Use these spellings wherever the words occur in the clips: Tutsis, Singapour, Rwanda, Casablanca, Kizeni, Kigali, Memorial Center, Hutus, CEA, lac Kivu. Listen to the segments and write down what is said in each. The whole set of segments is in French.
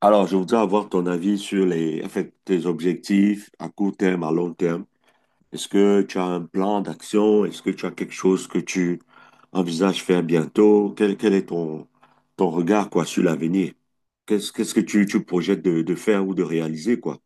Alors, je voudrais avoir ton avis sur tes objectifs à court terme, à long terme. Est-ce que tu as un plan d'action? Est-ce que tu as quelque chose que tu envisages faire bientôt? Quel est ton regard, quoi, sur l'avenir? Qu'est-ce que tu projettes de faire ou de réaliser, quoi?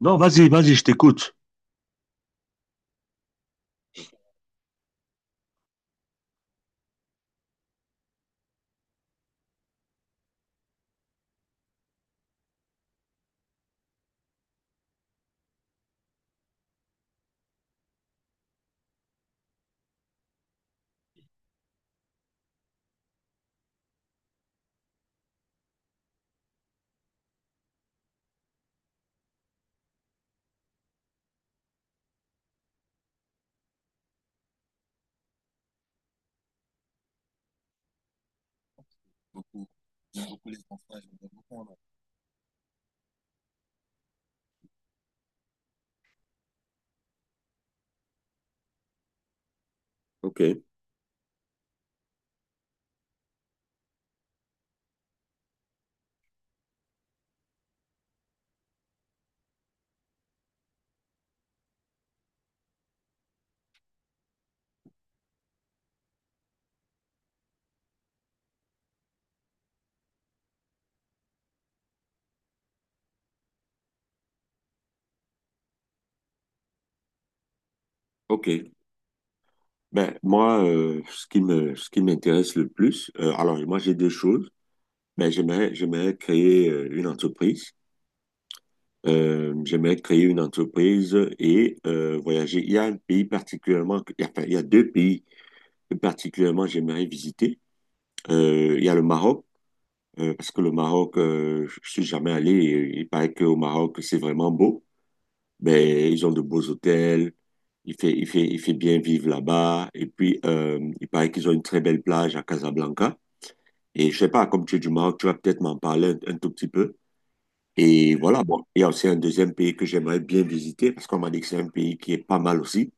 Non, vas-y, vas-y, je t'écoute. Ok, ok. Ben, moi, ce qui ce qui m'intéresse le plus, alors, moi, j'ai deux choses. Ben, j'aimerais créer une entreprise. J'aimerais créer une entreprise et voyager. Il y a un pays particulièrement, il y a, enfin, il y a deux pays que particulièrement j'aimerais visiter. Il y a le Maroc, parce que le Maroc, je suis jamais allé. Et il paraît qu'au Maroc, c'est vraiment beau. Ben, ils ont de beaux hôtels. Il fait bien vivre là-bas. Et puis, il paraît qu'ils ont une très belle plage à Casablanca. Et je sais pas, comme tu es du Maroc, tu vas peut-être m'en parler un tout petit peu. Et voilà, bon, il y a aussi un deuxième pays que j'aimerais bien visiter parce qu'on m'a dit que c'est un pays qui est pas mal aussi.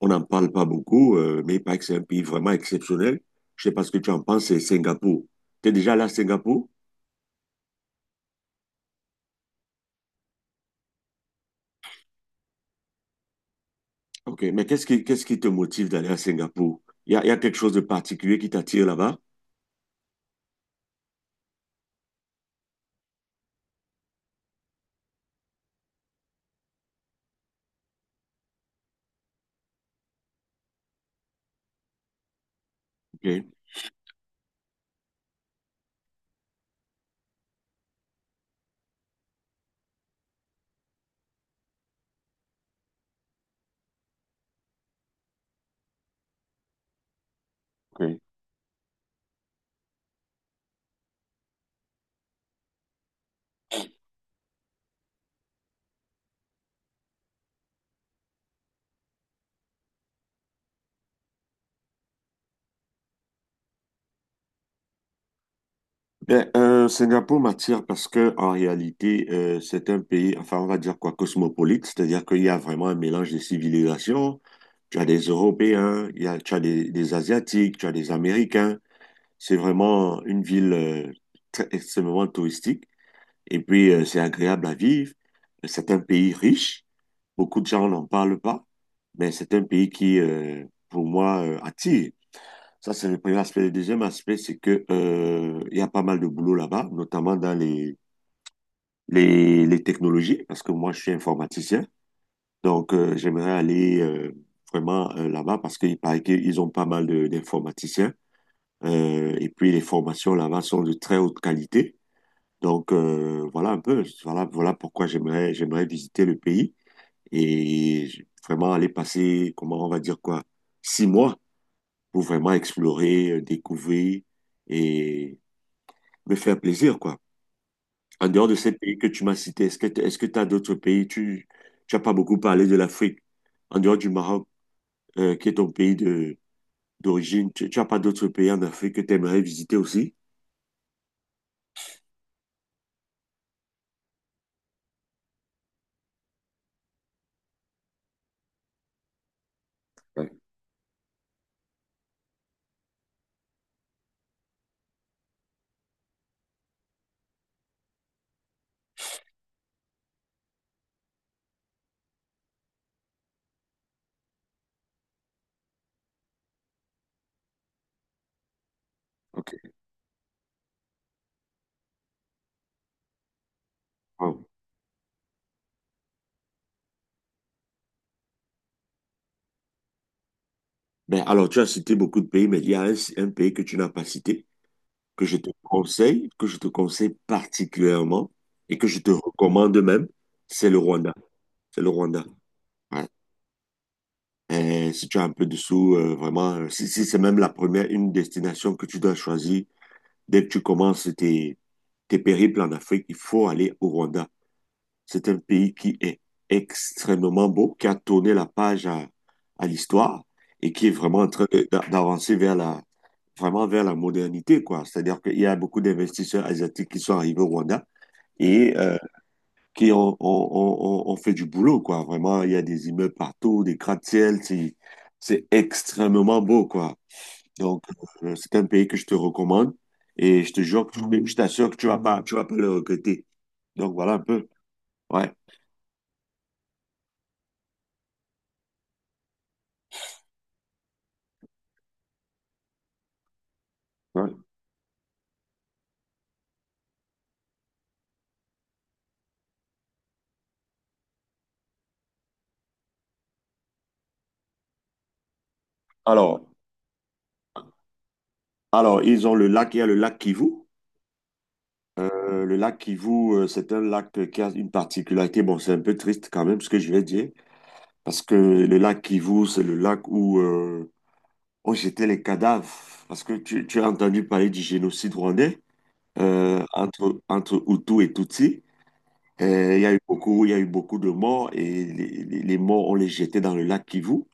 On n'en parle pas beaucoup, mais il paraît que c'est un pays vraiment exceptionnel. Je sais pas ce que tu en penses, c'est Singapour. Tu es déjà allé à Singapour? Ok, mais qu'est-ce qui te motive d'aller à Singapour? Il y a quelque chose de particulier qui t'attire là-bas? Ok, ok. Ben, Singapour m'attire parce que en réalité, c'est un pays, enfin, on va dire quoi, cosmopolite, c'est-à-dire qu'il y a vraiment un mélange de civilisations. Tu as des Européens, il y a, tu as des Asiatiques, tu as des Américains. C'est vraiment une ville très, extrêmement touristique. Et puis, c'est agréable à vivre. C'est un pays riche. Beaucoup de gens n'en parlent pas, mais c'est un pays qui, pour moi, attire. Ça, c'est le premier aspect. Le deuxième aspect, c'est que, il y a pas mal de boulot là-bas, notamment dans les technologies, parce que moi, je suis informaticien. Donc, j'aimerais aller vraiment là-bas parce qu'il paraît qu'ils ont pas mal de- d'informaticiens. Et puis, les formations là-bas sont de très haute qualité. Donc, voilà un peu. Voilà pourquoi j'aimerais visiter le pays et j- vraiment aller passer, comment on va dire quoi, 6 mois pour vraiment explorer, découvrir et me faire plaisir, quoi. En dehors de ces pays que tu m'as cités, est-ce que t- est-ce que tu as d'autres pays? Tu as pas beaucoup parlé de l'Afrique. En dehors du Maroc, qui est ton pays de d'origine, tu as pas d'autres pays en Afrique que tu aimerais visiter aussi? Ouais. Ok. Wow. Ben, alors, tu as cité beaucoup de pays, mais il y a un pays que tu n'as pas cité, que je te conseille particulièrement et que je te recommande même, c'est le Rwanda. C'est le Rwanda. Si tu as un peu de sous, vraiment, si c'est même la première, une destination que tu dois choisir dès que tu commences tes périples en Afrique, il faut aller au Rwanda. C'est un pays qui est extrêmement beau, qui a tourné la page à l'histoire et qui est vraiment en train de- d'a- d'avancer vers vraiment vers la modernité, quoi. C'est-à-dire qu'il y a beaucoup d'investisseurs asiatiques qui sont arrivés au Rwanda et qui ont- ont- ont- ont fait du boulot, quoi. Vraiment, il y a des immeubles partout, des gratte-ciel, c'est extrêmement beau, quoi. Donc, c'est un pays que je te recommande et je te jure, que je t'assure que tu vas pas le regretter. Donc, voilà un peu. Ouais, ouais. Alors, alors, ils ont le lac, il y a le lac Kivu. Le lac Kivu, c'est un lac qui a une particularité. Bon, c'est un peu triste quand même ce que je vais dire, parce que le lac Kivu, c'est le lac où, on jetait les cadavres parce que tu as entendu parler du génocide rwandais entre Hutus et Tutsis. Il y a eu beaucoup de morts et les morts, on les jetait dans le lac Kivu.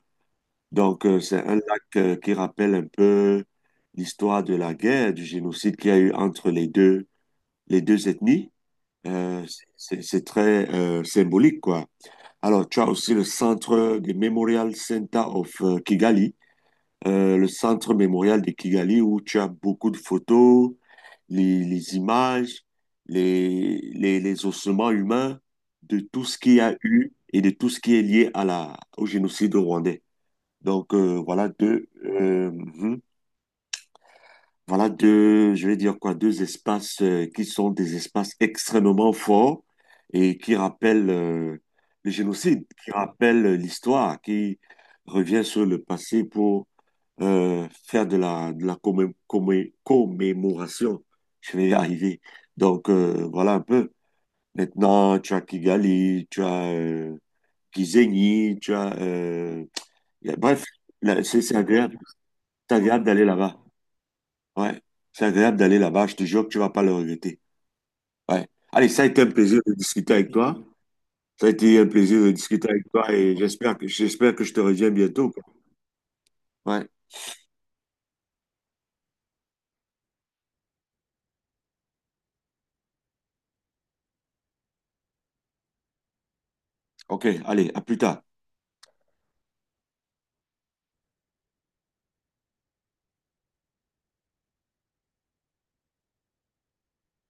Donc, c'est un lac qui rappelle un peu l'histoire de la guerre, du génocide qu'il y a eu entre les deux ethnies. Euh, c'est très symbolique, quoi. Alors, tu as aussi le centre de Memorial Center of Kigali le centre mémorial de Kigali où tu as beaucoup de photos, les images, les ossements humains de tout ce qu'il y a eu et de tout ce qui est lié à au génocide rwandais. Donc voilà deux, voilà deux, je vais dire quoi, deux espaces qui sont des espaces extrêmement forts et qui rappellent le génocide, qui rappellent l'histoire, qui revient sur le passé pour faire de de la commé- commé- commémoration. Je vais y arriver. Donc, voilà un peu. Maintenant, tu as Kigali, tu as Kizeni, tu as... y a- bref, là, c'est agréable. C'est agréable d'aller là-bas. Ouais, c'est agréable d'aller là-bas. Je te jure que tu vas pas le regretter. Ouais. Allez, ça a été un plaisir de discuter avec toi. Ça a été un plaisir de discuter avec toi et j'espère que je te reviens bientôt. Quoi. Ouais, ok, allez, à plus tard.